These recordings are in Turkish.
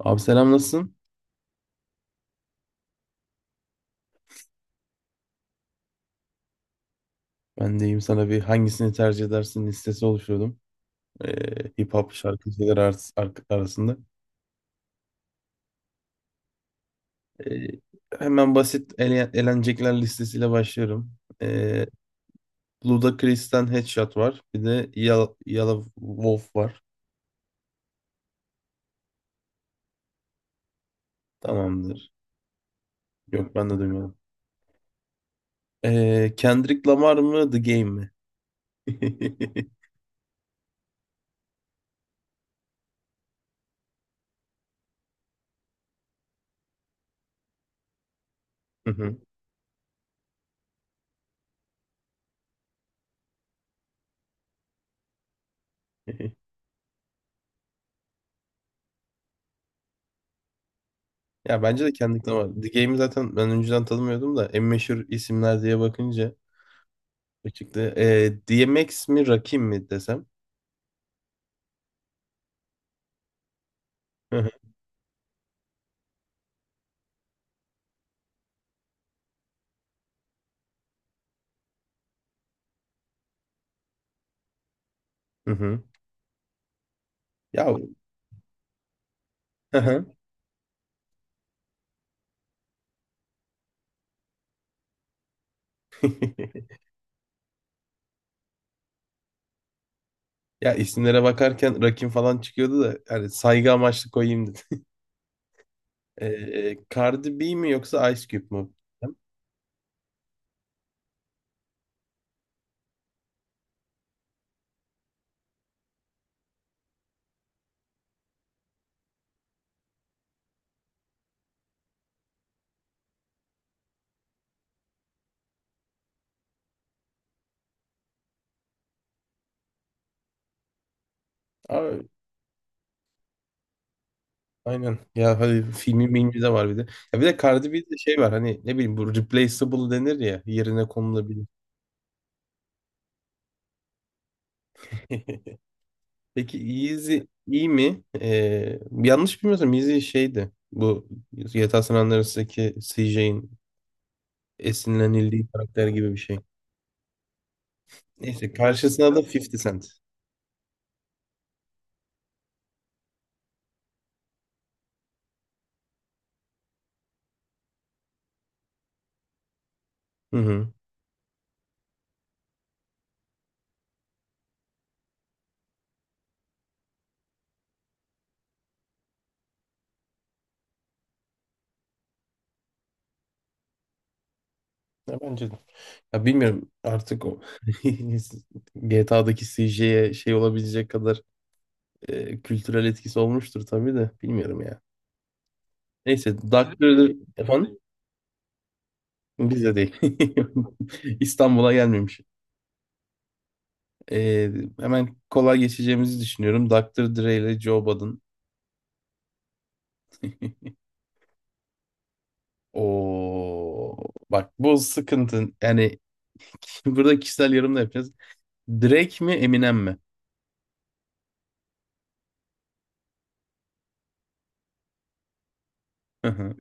Abi selam nasılsın? Ben deyim sana bir hangisini tercih edersin listesi oluşturdum. Hip hop şarkıcılar arasında. Ee, hemen basit elenecekler listesiyle başlıyorum. Ee, Ludacris'ten Headshot var. Bir de Yellow Wolf var. Tamamdır. Yok ben de duymadım. Kendrick Lamar mı The Game mi? Hı hı. Ya bence de Kendrick Lamar. The Game'i zaten ben önceden tanımıyordum da en meşhur isimler diye bakınca çıktı. DMX mi Rakim mi desem? Hı hı. Hı hı. Ya hı hı. Ya isimlere bakarken Rakim falan çıkıyordu da yani saygı amaçlı koyayım dedim. Cardi B mi yoksa Ice Cube mu? Abi, aynen. Ya hadi filmi mimi de var bir de. Ya bir de Cardi B'de şey var, hani ne bileyim, bu replaceable denir ya, yerine konulabilir. Peki Yeezy iyi mi? Yanlış bilmiyorsam Yeezy şeydi. Bu yatağı sananların CJ'in esinlenildiği karakter gibi bir şey. Neyse karşısına da 50 Cent. Hı hı. Ya bence de. Ya bilmiyorum artık o, GTA'daki CJ'ye şey olabilecek kadar kültürel etkisi olmuştur tabii de bilmiyorum ya. Neyse Doctor efendim bizde değil. İstanbul'a gelmemiş. E, hemen kolay geçeceğimizi düşünüyorum. Dr. Dre ile Joe Budden. O, bak bu sıkıntı. Yani burada kişisel yorum da yapacağız. Drake mi Eminem mi? Hı hı.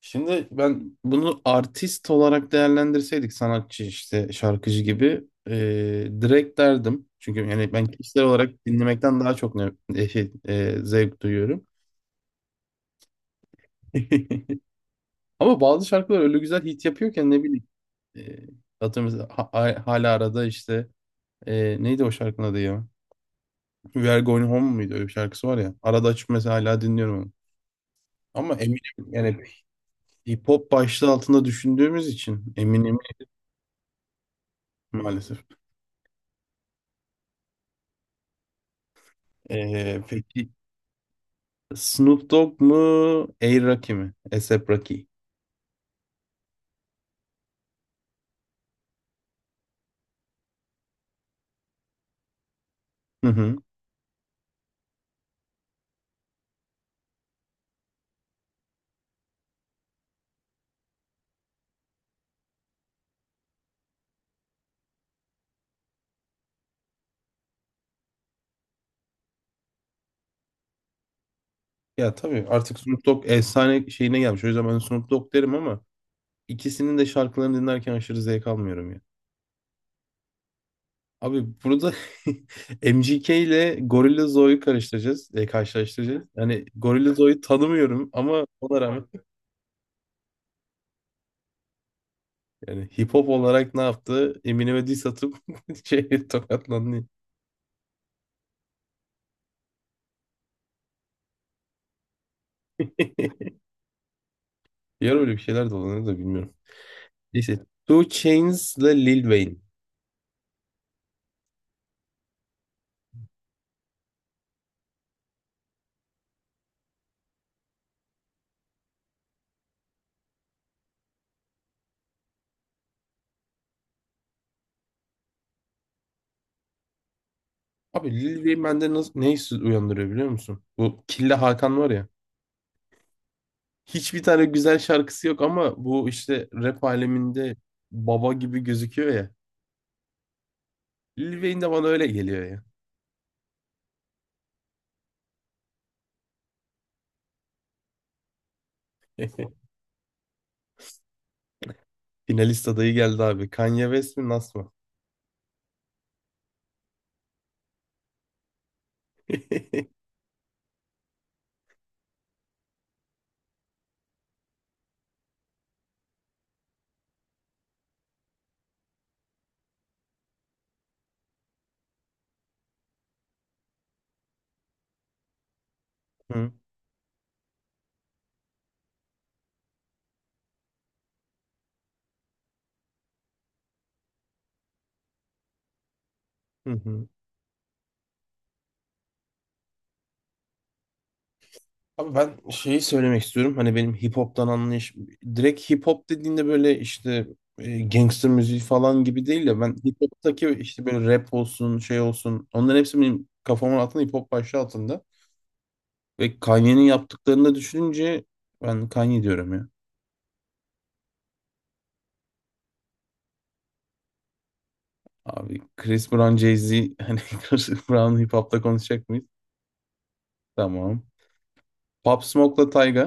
Şimdi ben bunu artist olarak değerlendirseydik, sanatçı işte şarkıcı gibi, Drake derdim. Çünkü yani ben kişisel olarak dinlemekten daha çok ne, şey, zevk duyuyorum. Ama bazı şarkılar öyle güzel hit yapıyorken ne bileyim. E, atıyorum mesela hala arada işte, neydi o şarkının adı ya? We Are Going Home muydu? Öyle bir şarkısı var ya. Arada açıp mesela hala dinliyorum onu. Ama eminim yani hip hop başlığı altında düşündüğümüz için maalesef. Peki Snoop Dogg mu? A. Rocky mi? A$AP Rocky. Hı hı. Ya tabii artık Snoop Dogg efsane şeyine gelmiş. O yüzden ben Snoop Dogg derim, ama ikisinin de şarkılarını dinlerken aşırı zevk almıyorum ya. Abi burada MGK ile Zoe'yu karşılaştıracağız. Yani Zoe'yu tanımıyorum, ama ona rağmen, yani hip hop olarak ne yaptı? Eminem'e diss atıp şey tokatlandı. Bir ara öyle bir şeyler dolanıyor da bilmiyorum. Neyse. Two Chains'la Lil Wayne. Abi Lil Wayne bende nasıl, ne hissi uyandırıyor biliyor musun? Bu Killa Hakan var ya. Hiçbir tane güzel şarkısı yok ama bu işte rap aleminde baba gibi gözüküyor ya. Lil Wayne de bana öyle geliyor ya. Finalist adayı geldi abi. Kanye West mi Nas mı? Hı, hı, hı. Abi ben şeyi söylemek istiyorum. Hani benim hip hop'tan anlayış, direkt hip hop dediğinde böyle işte, gangster müziği falan gibi değil de, ben hip hop'taki işte böyle rap olsun, şey olsun, onların hepsi benim kafamın altında hip hop başlığı altında. Ve Kanye'nin yaptıklarını da düşününce ben Kanye diyorum ya. Abi Chris Brown, Jay-Z, hani Chris Brown hip hop'ta konuşacak mıyız? Tamam. Pop Smoke'la Tyga.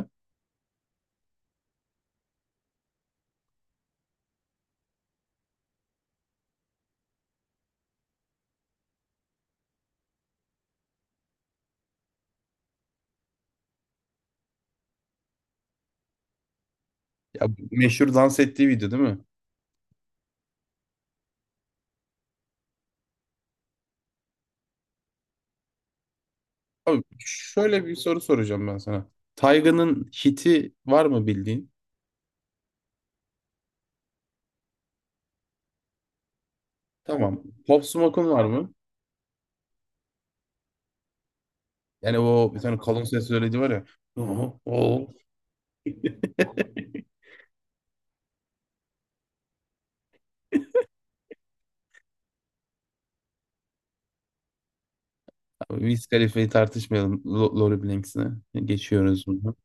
Ya meşhur dans ettiği video değil mi? Abi şöyle bir soru soracağım ben sana. Tayga'nın hiti var mı bildiğin? Tamam. Pop Smoke'un var mı? Yani o bir tane kalın ses söyledi var ya. Oo. Oo. Abi Wiz Khalifa'yı tartışmayalım. Lori Blanks'ine. Geçiyoruz bunu.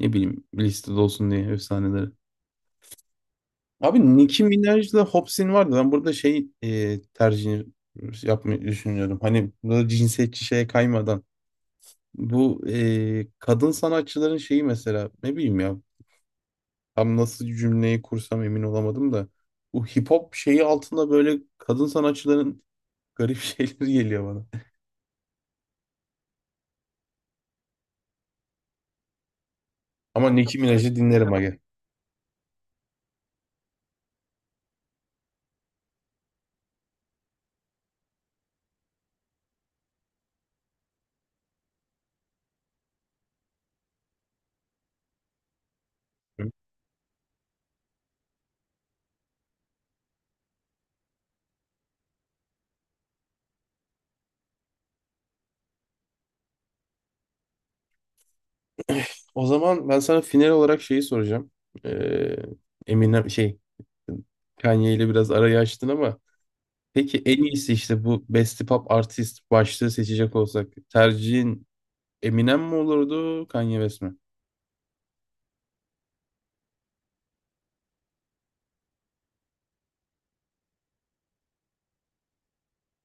Ne bileyim, listede olsun diye efsaneleri. Abi Nicki Minaj'la Hops'in vardı. Ben burada şey, tercih yapmayı düşünüyorum. Hani burada cinsiyetçi şeye kaymadan. Bu kadın sanatçıların şeyi, mesela ne bileyim ya. Tam nasıl cümleyi kursam emin olamadım da. Bu hip hop şeyi altında böyle kadın sanatçıların garip şeyleri geliyor bana. Ama Nicki Minaj'ı dinlerim aga. Hı? O zaman ben sana final olarak şeyi soracağım. Ee, Eminem şey, Kanye ile biraz arayı açtın ama peki en iyisi işte, bu Best Pop Artist başlığı seçecek olsak, tercihin Eminem mi olurdu, Kanye West mi?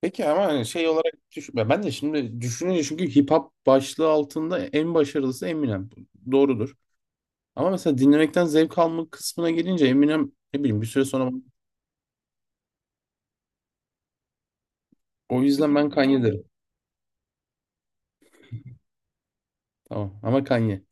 Peki ama hani şey olarak düşün, ben de şimdi düşününce, çünkü hip hop başlığı altında en başarılısı Eminem. Doğrudur. Ama mesela dinlemekten zevk alma kısmına gelince Eminem ne bileyim bir süre sonra, o yüzden ben Kanye derim. Tamam ama Kanye.